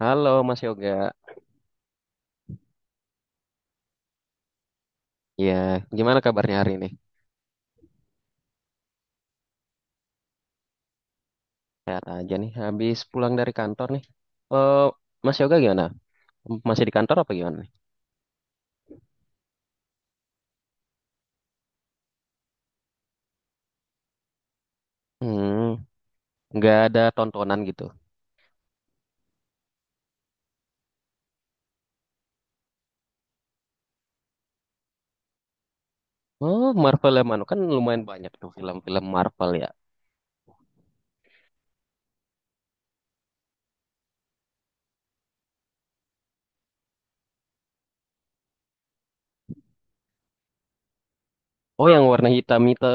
Halo Mas Yoga, ya gimana kabarnya hari ini? Sehat aja nih, habis pulang dari kantor nih. Eh, Mas Yoga gimana? Masih di kantor apa gimana nih? Hmm, nggak ada tontonan gitu. Oh, Marvel ya Manu, kan lumayan banyak tuh film-film Marvel ya. Oh,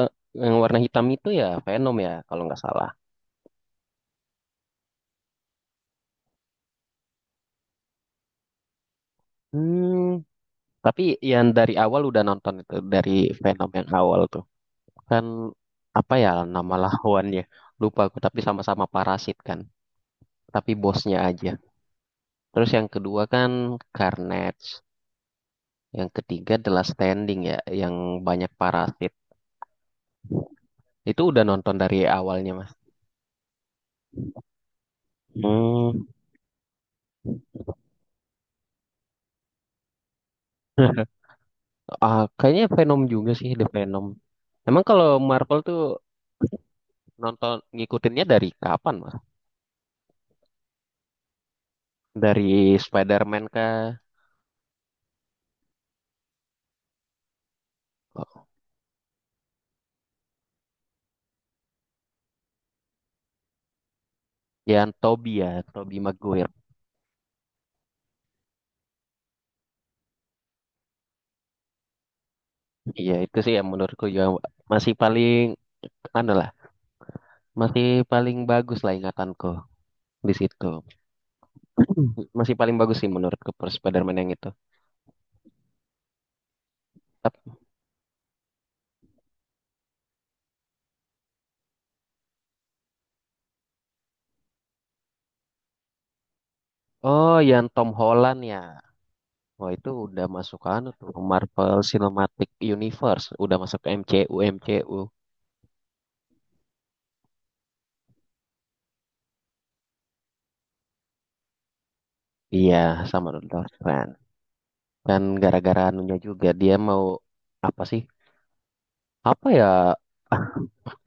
yang warna hitam itu ya Venom ya, kalau nggak salah. Hmm, tapi yang dari awal udah nonton itu, dari Venom yang awal tuh. Kan apa ya nama lawannya? Lupa aku, tapi sama-sama parasit kan. Tapi bosnya aja. Terus yang kedua kan Carnage. Yang ketiga adalah Standing ya, yang banyak parasit. Itu udah nonton dari awalnya, Mas. Hmm, kayaknya Venom juga sih, The Venom. Emang kalau Marvel tuh nonton ngikutinnya dari kapan, Mas? Dari Spider-Man kah? Yang Tobey ya, Tobey Maguire. Iya, itu sih yang menurutku juga masih paling anu lah, masih paling bagus lah ingatanku di situ. Masih paling bagus sih menurutku per Spider-Man yang itu. Tep- Oh, yang Tom Holland ya. Wah, itu udah masuk anu tuh Marvel Cinematic Universe, udah masuk ke MCU MCU. Iya, sama Doctor Strange. Dan gara-gara anunya juga dia mau apa sih? Apa ya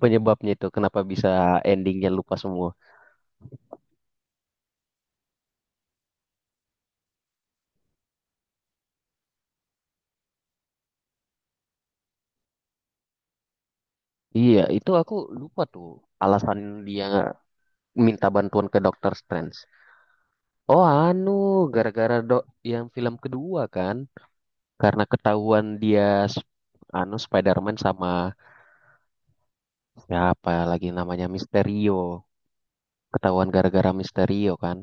penyebabnya itu kenapa bisa endingnya lupa semua? Iya, itu aku lupa tuh alasan dia minta bantuan ke Doctor Strange. Oh, anu gara-gara dok yang film kedua kan karena ketahuan dia sp- anu Spider-Man sama ya apalagi namanya Misterio. Ketahuan gara-gara Misterio kan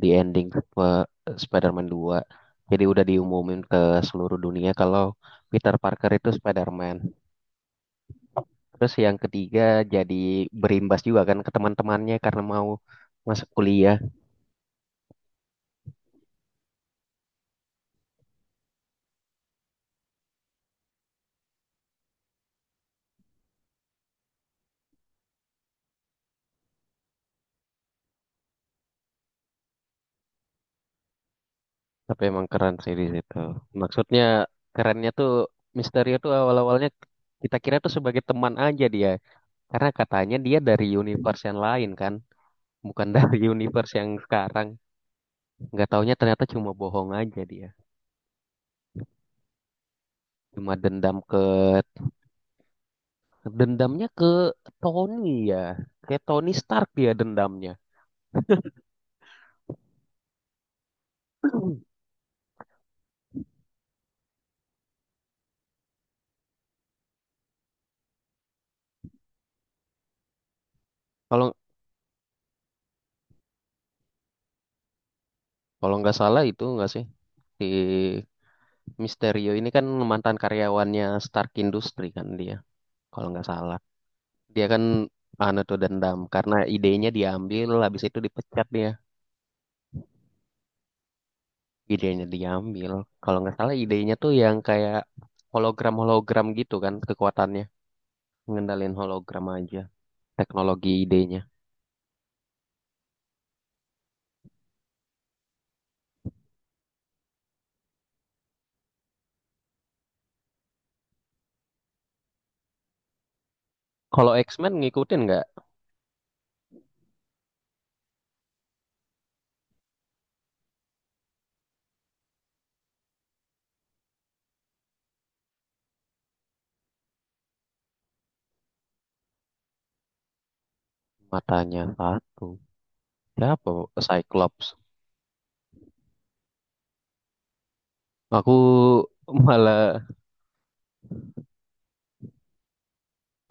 di ending Spider-Man 2. Jadi udah diumumin ke seluruh dunia kalau Peter Parker itu Spider-Man. Terus yang ketiga jadi berimbas juga kan ke teman-temannya karena mau masuk kuliah. Tapi emang keren sih di situ. Maksudnya kerennya tuh Misterio tuh awal-awalnya kita kira tuh sebagai teman aja dia. Karena katanya dia dari universe yang lain kan. Bukan dari universe yang sekarang. Nggak taunya ternyata cuma bohong aja dia, cuma dendamnya ke Tony ya, ke Tony Stark ya dendamnya. kalau kalau nggak salah itu nggak sih, di Mysterio ini kan mantan karyawannya Stark Industry kan dia, kalau nggak salah dia kan anu tuh dendam karena idenya diambil, habis itu dipecat dia, idenya diambil kalau nggak salah idenya tuh yang kayak hologram hologram gitu kan kekuatannya, ngendalin hologram aja teknologi idenya. Kalau X-Men ngikutin nggak matanya satu? Siapa? Cyclops. Aku malah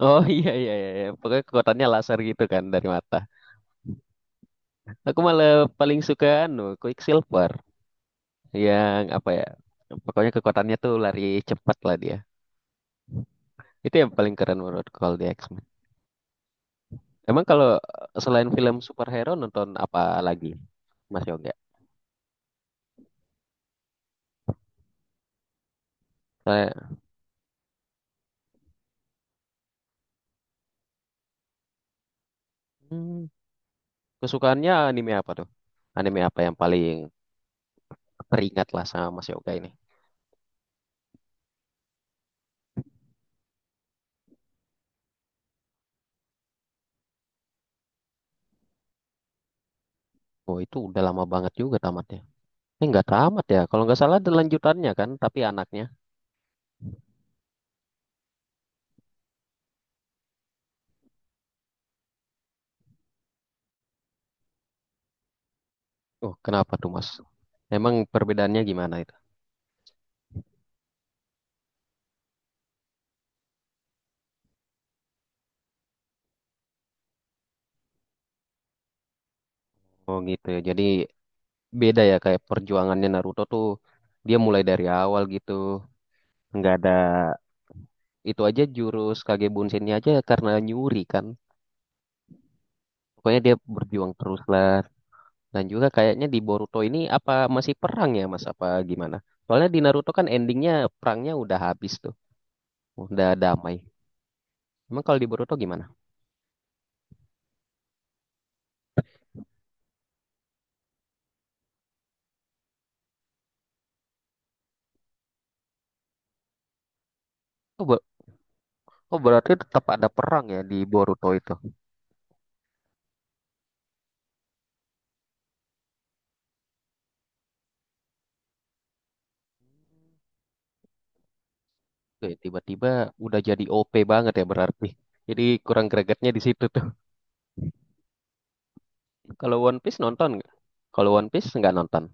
oh iya iya iya iya. Pokoknya kekuatannya laser gitu kan dari mata. Aku malah paling suka anu Quicksilver yang apa ya? Pokoknya kekuatannya tuh lari cepat lah dia. Itu yang paling keren menurut kalau di X-Men. Emang kalau selain film superhero nonton apa lagi? Mas Yoga? Saya. hmm, Kesukaannya anime apa tuh? Anime apa yang paling teringat lah sama Mas Yoga ini? Oh itu udah lama banget juga tamatnya. Ini nggak tamat ya. Kalau nggak salah ada lanjutannya kan, tapi anaknya. Oh kenapa tuh Mas? Emang perbedaannya gimana itu? Oh gitu ya. Jadi beda ya kayak perjuangannya Naruto tuh dia mulai dari awal gitu. Nggak ada, itu aja jurus Kage Bunshin-nya aja karena nyuri kan. Pokoknya dia berjuang terus lah. Dan juga kayaknya di Boruto ini apa masih perang ya Mas apa gimana? Soalnya di Naruto kan endingnya perangnya udah habis tuh. Udah damai. Emang kalau di Boruto gimana? Oh, oh berarti tetap ada perang ya di Boruto itu. Oke, tiba-tiba udah jadi OP banget ya berarti. Jadi kurang gregetnya di situ tuh. Kalau One Piece nonton nggak? Kalau One Piece nggak nonton.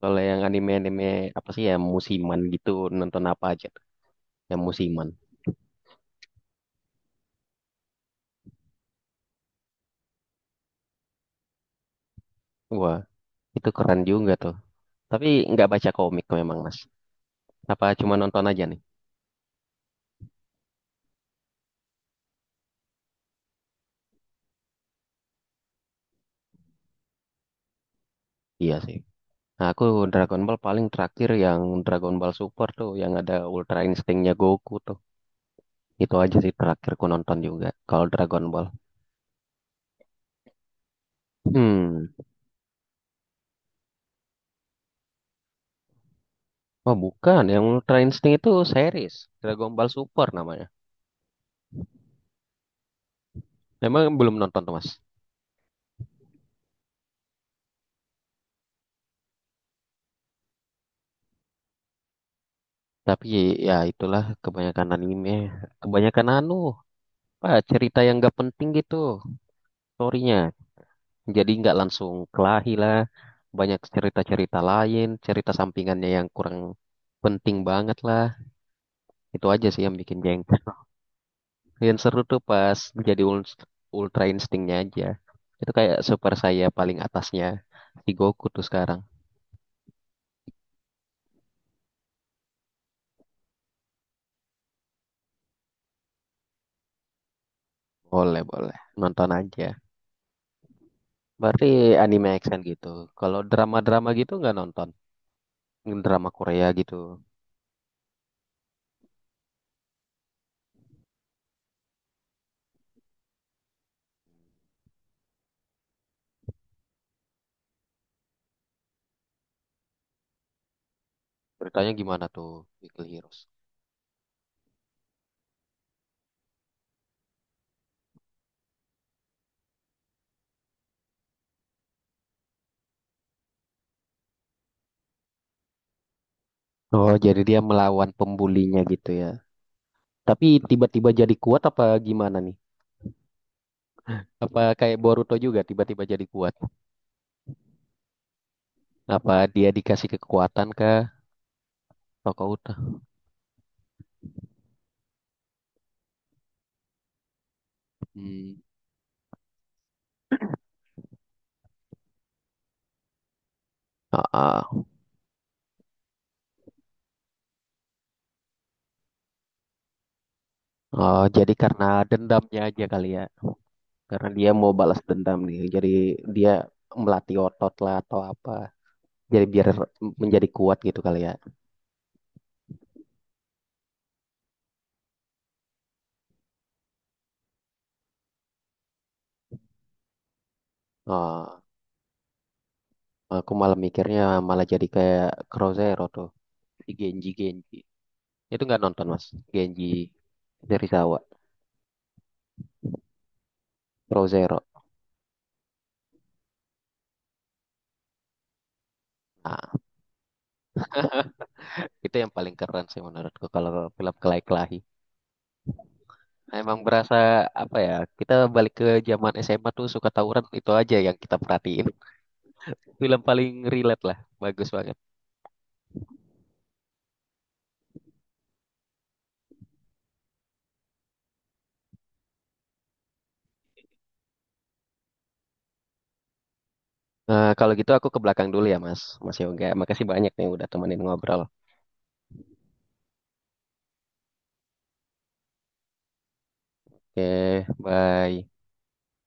Kalau yang anime-anime apa sih ya musiman gitu nonton apa aja tuh? Yang musiman. Wah itu keren juga tuh. Tapi nggak baca komik memang Mas. Apa cuma nonton aja nih? Iya sih. Nah, aku Dragon Ball paling terakhir yang Dragon Ball Super tuh yang ada Ultra Instinct-nya Goku tuh. Itu aja sih terakhir ku nonton juga kalau Dragon Ball. Hmm. Oh, bukan. Yang Ultra Instinct itu series. Dragon Ball Super namanya. Memang belum nonton tuh, Mas. Tapi ya itulah kebanyakan anime. Kebanyakan anu, apa, cerita yang gak penting gitu storynya. Jadi nggak langsung kelahi lah. Banyak cerita-cerita lain, cerita sampingannya yang kurang penting banget lah. Itu aja sih yang bikin jengkel. Yang seru tuh pas jadi Ultra Instinct-nya aja. Itu kayak super saya paling atasnya si Goku tuh sekarang. Boleh, boleh. Nonton aja. Berarti anime action gitu. Kalau drama-drama gitu nggak nonton? Drama Korea gitu. Ceritanya gimana tuh, Weekly Heroes? Oh, jadi dia melawan pembulinya gitu ya. Tapi tiba-tiba jadi kuat apa gimana nih? Apa kayak Boruto juga tiba-tiba jadi kuat? Apa dia dikasih kekuatan kah? Tokoh utama. Hmm. Ah, ah. Oh, jadi karena dendamnya aja kali ya. Karena dia mau balas dendam nih. Jadi dia melatih otot lah atau apa. Jadi biar menjadi kuat gitu kali ya. Oh, aku malah mikirnya malah jadi kayak Crozero tuh di Genji Genji. Itu nggak nonton mas, Genji Serizawa, Crozero. Nah, itu yang paling keren sih menurutku kalau film kelahi-kelahi. Emang berasa apa ya? Kita balik ke zaman SMA tuh suka tawuran itu aja yang kita perhatiin. Film paling relate lah, bagus banget. Eh, kalau gitu aku ke belakang dulu ya Mas, Mas Yoga. Makasih banyak nih udah temenin ngobrol. Oke, bye.